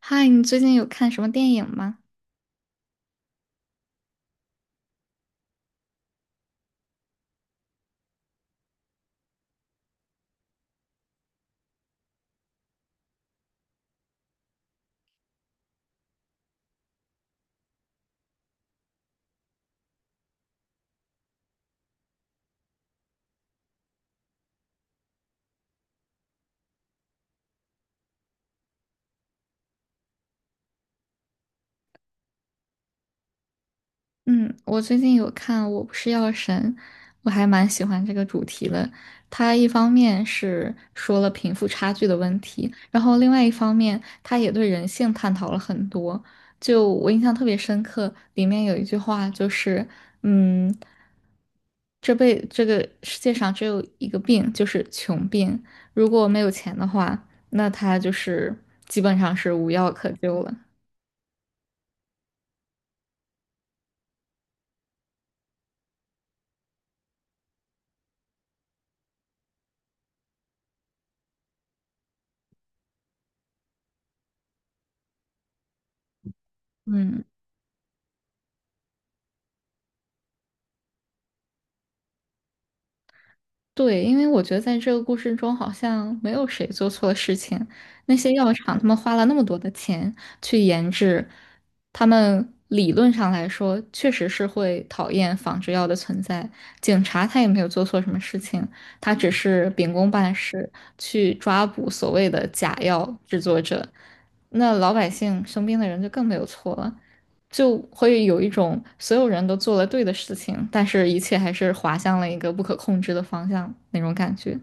嗨，你最近有看什么电影吗？嗯，我最近有看《我不是药神》，我还蛮喜欢这个主题的。它一方面是说了贫富差距的问题，然后另外一方面，它也对人性探讨了很多。就我印象特别深刻，里面有一句话就是，嗯，这个世界上只有一个病，就是穷病。如果没有钱的话，那他就是基本上是无药可救了。嗯。对，因为我觉得在这个故事中，好像没有谁做错了事情。那些药厂，他们花了那么多的钱去研制，他们理论上来说，确实是会讨厌仿制药的存在。警察他也没有做错什么事情，他只是秉公办事，去抓捕所谓的假药制作者，那老百姓生病的人就更没有错了，就会有一种所有人都做了对的事情，但是一切还是滑向了一个不可控制的方向那种感觉。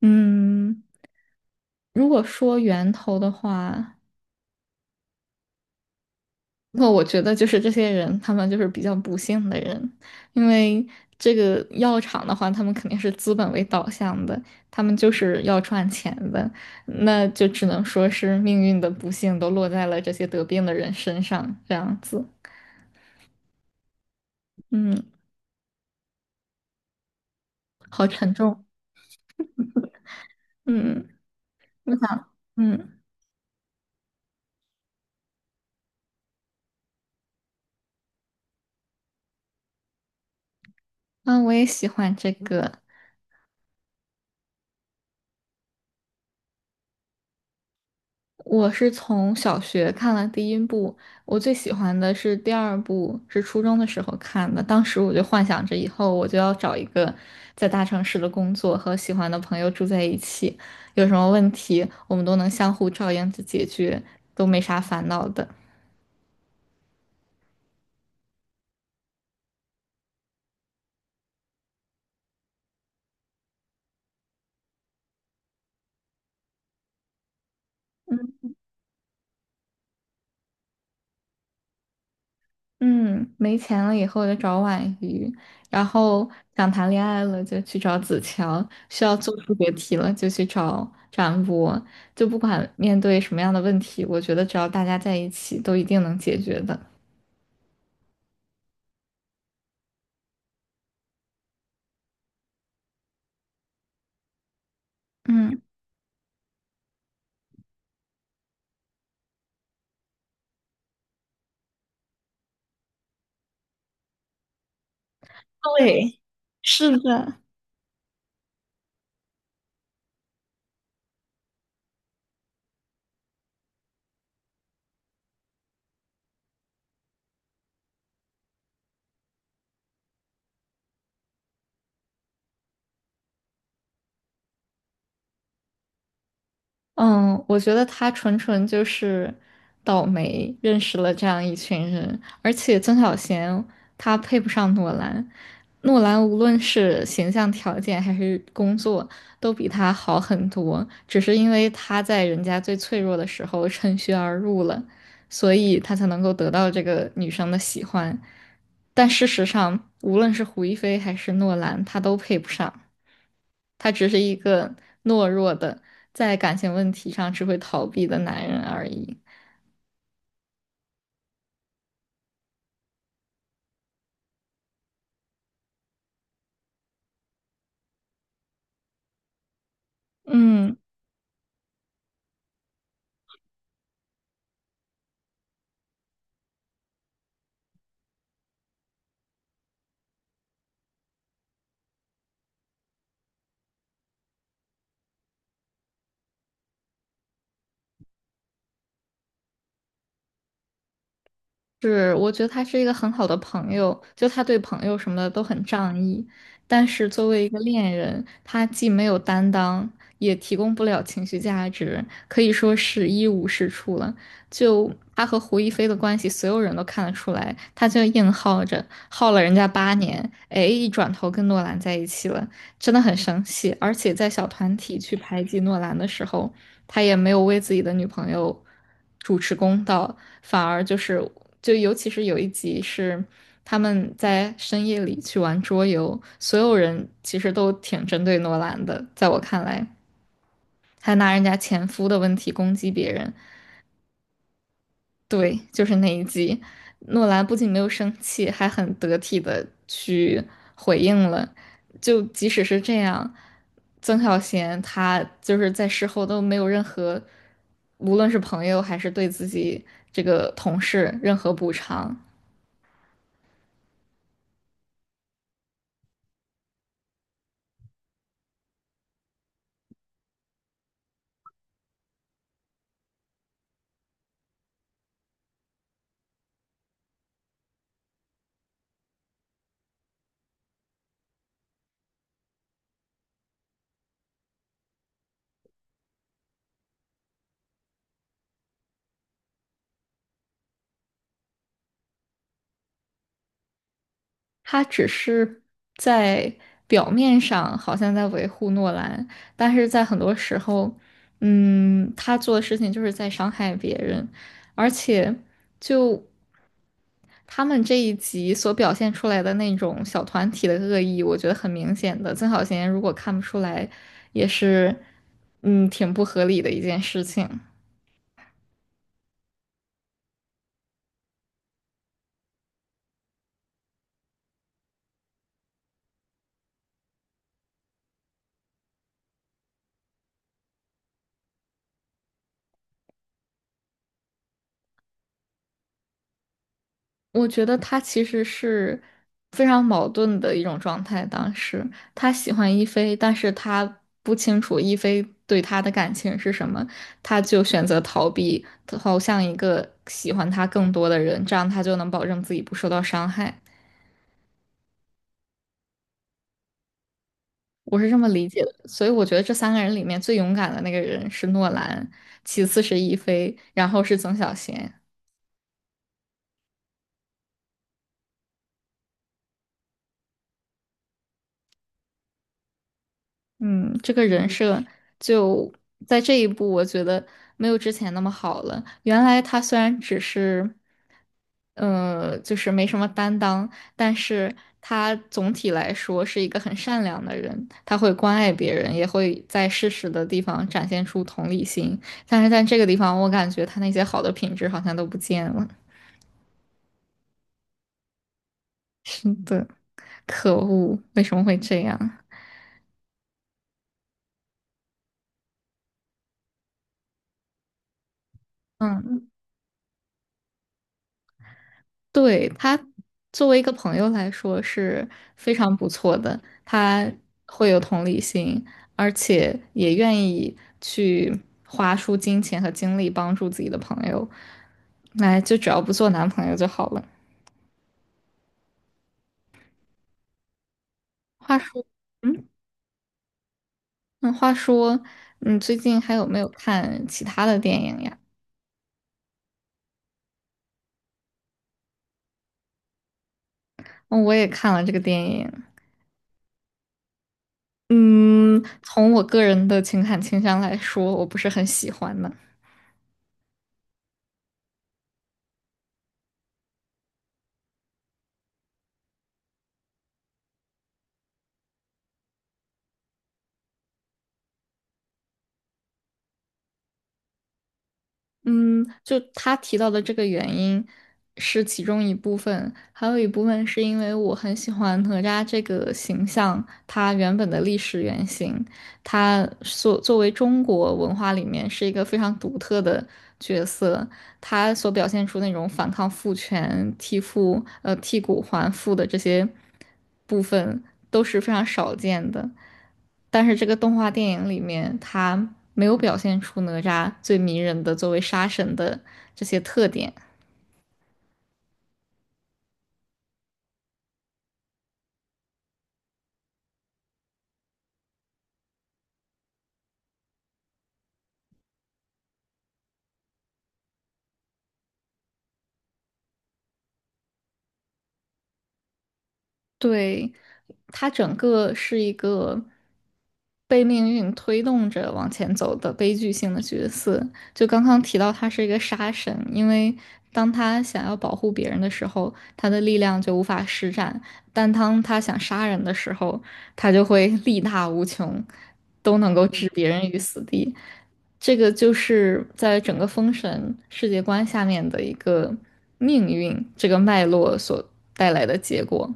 嗯，如果说源头的话。那我觉得就是这些人，他们就是比较不幸的人，因为这个药厂的话，他们肯定是资本为导向的，他们就是要赚钱的，那就只能说是命运的不幸都落在了这些得病的人身上，这样子。嗯，好沉重。嗯，嗯我想，嗯，啊，我也喜欢这个。我是从小学看了第一部，我最喜欢的是第二部，是初中的时候看的。当时我就幻想着以后我就要找一个在大城市的工作，和喜欢的朋友住在一起，有什么问题我们都能相互照应着解决，都没啥烦恼的。嗯，没钱了以后就找婉瑜，然后想谈恋爱了就去找子乔，需要做数学题了就去找展博，就不管面对什么样的问题，我觉得只要大家在一起，都一定能解决的。嗯。对，是的。嗯，我觉得他纯纯就是倒霉，认识了这样一群人，而且曾小贤他配不上诺兰，诺兰无论是形象条件还是工作都比他好很多，只是因为他在人家最脆弱的时候趁虚而入了，所以他才能够得到这个女生的喜欢，但事实上，无论是胡一菲还是诺兰，他都配不上。他只是一个懦弱的，在感情问题上只会逃避的男人而已。嗯，是，我觉得他是一个很好的朋友，就他对朋友什么的都很仗义，但是作为一个恋人，他既没有担当，也提供不了情绪价值，可以说是一无是处了。就他和胡一菲的关系，所有人都看得出来，他就硬耗着，耗了人家8年，哎，一转头跟诺兰在一起了，真的很生气。而且在小团体去排挤诺兰的时候，他也没有为自己的女朋友主持公道，反而就是就尤其是有一集是他们在深夜里去玩桌游，所有人其实都挺针对诺兰的，在我看来，还拿人家前夫的问题攻击别人。对，就是那一集，诺兰不仅没有生气，还很得体的去回应了。就即使是这样，曾小贤他就是在事后都没有任何，无论是朋友还是对自己这个同事任何补偿，他只是在表面上好像在维护诺兰，但是在很多时候，他做的事情就是在伤害别人。而且就。他们这一集所表现出来的那种小团体的恶意，我觉得很明显的。曾小贤如果看不出来，也是，嗯，挺不合理的一件事情。我觉得他其实是非常矛盾的一种状态。当时他喜欢一菲，但是他不清楚一菲对他的感情是什么，他就选择逃避，投向一个喜欢他更多的人，这样他就能保证自己不受到伤害。我是这么理解的，所以我觉得这三个人里面最勇敢的那个人是诺兰，其次是亦菲，然后是曾小贤。嗯，这个人设就在这一步，我觉得没有之前那么好了。原来他虽然只是，就是没什么担当，但是他总体来说是一个很善良的人，他会关爱别人，也会在适时的地方展现出同理心。但是在这个地方，我感觉他那些好的品质好像都不见了。是的，可恶，为什么会这样？嗯，对，他作为一个朋友来说是非常不错的，他会有同理心，而且也愿意去花出金钱和精力帮助自己的朋友。来，就只要不做男朋友就好了。话说，嗯，话说，你最近还有没有看其他的电影呀？嗯，我也看了这个电影。嗯，从我个人的情感倾向来说，我不是很喜欢的。嗯，就他提到的这个原因是其中一部分，还有一部分是因为我很喜欢哪吒这个形象，他原本的历史原型，他所作为中国文化里面是一个非常独特的角色，他所表现出那种反抗父权、替骨还父的这些部分都是非常少见的。但是这个动画电影里面，他没有表现出哪吒最迷人的作为杀神的这些特点。对，他整个是一个被命运推动着往前走的悲剧性的角色。就刚刚提到，他是一个杀神，因为当他想要保护别人的时候，他的力量就无法施展；但当他想杀人的时候，他就会力大无穷，都能够置别人于死地。这个就是在整个封神世界观下面的一个命运这个脉络所带来的结果。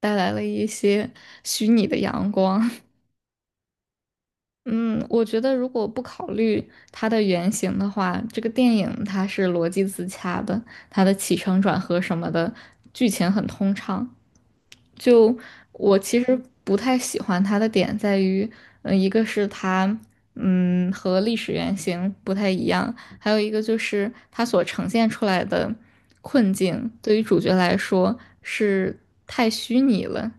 带来了一些虚拟的阳光。嗯，我觉得如果不考虑它的原型的话，这个电影它是逻辑自洽的，它的起承转合什么的，剧情很通畅。就我其实不太喜欢它的点在于，一个是它，嗯，和历史原型不太一样，还有一个就是它所呈现出来的困境，对于主角来说是太虚拟了，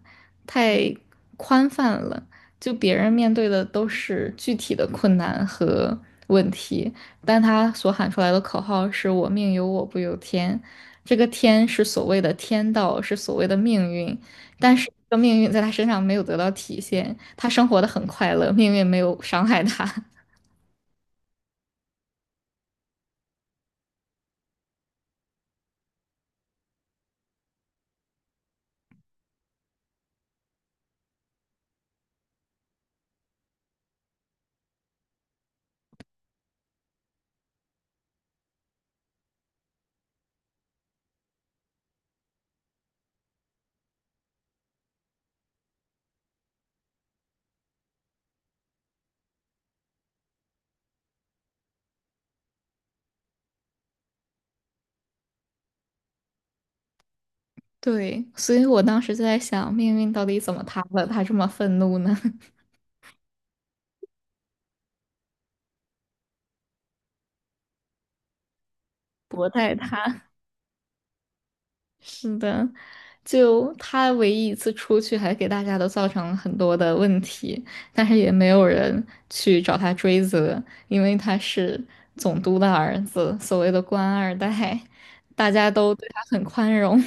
太宽泛了。就别人面对的都是具体的困难和问题，但他所喊出来的口号是“我命由我不由天”，这个天是所谓的天道，是所谓的命运，但是这个命运在他身上没有得到体现，他生活的很快乐，命运没有伤害他。对，所以我当时就在想，命运到底怎么塌了？他这么愤怒呢？薄待他。是的，就他唯一一次出去，还给大家都造成了很多的问题，但是也没有人去找他追责，因为他是总督的儿子，所谓的官二代，大家都对他很宽容。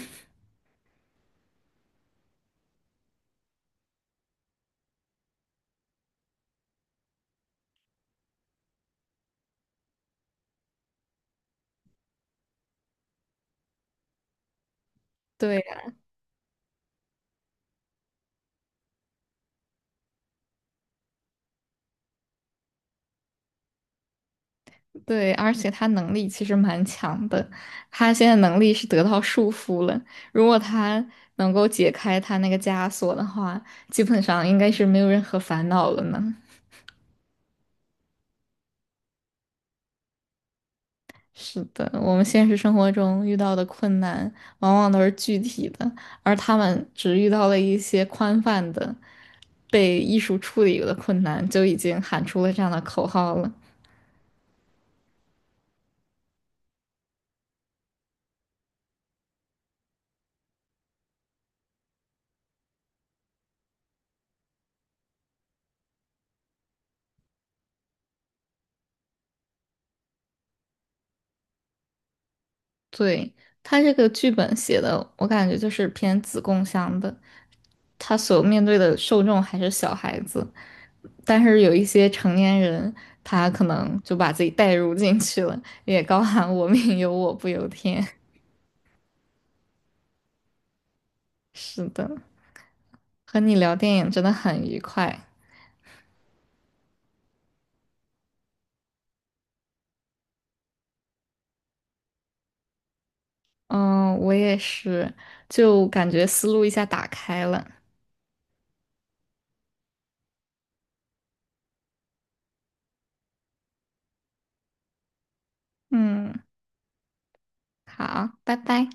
对呀。对，而且他能力其实蛮强的，他现在能力是得到束缚了。如果他能够解开他那个枷锁的话，基本上应该是没有任何烦恼了呢。是的，我们现实生活中遇到的困难往往都是具体的，而他们只遇到了一些宽泛的、被艺术处理的困难，就已经喊出了这样的口号了。对，他这个剧本写的，我感觉就是偏子供向的，他所面对的受众还是小孩子，但是有一些成年人，他可能就把自己带入进去了，也高喊“我命由我不由天” 是的。和你聊电影真的很愉快。嗯，我也是，就感觉思路一下打开了。嗯，好，拜拜。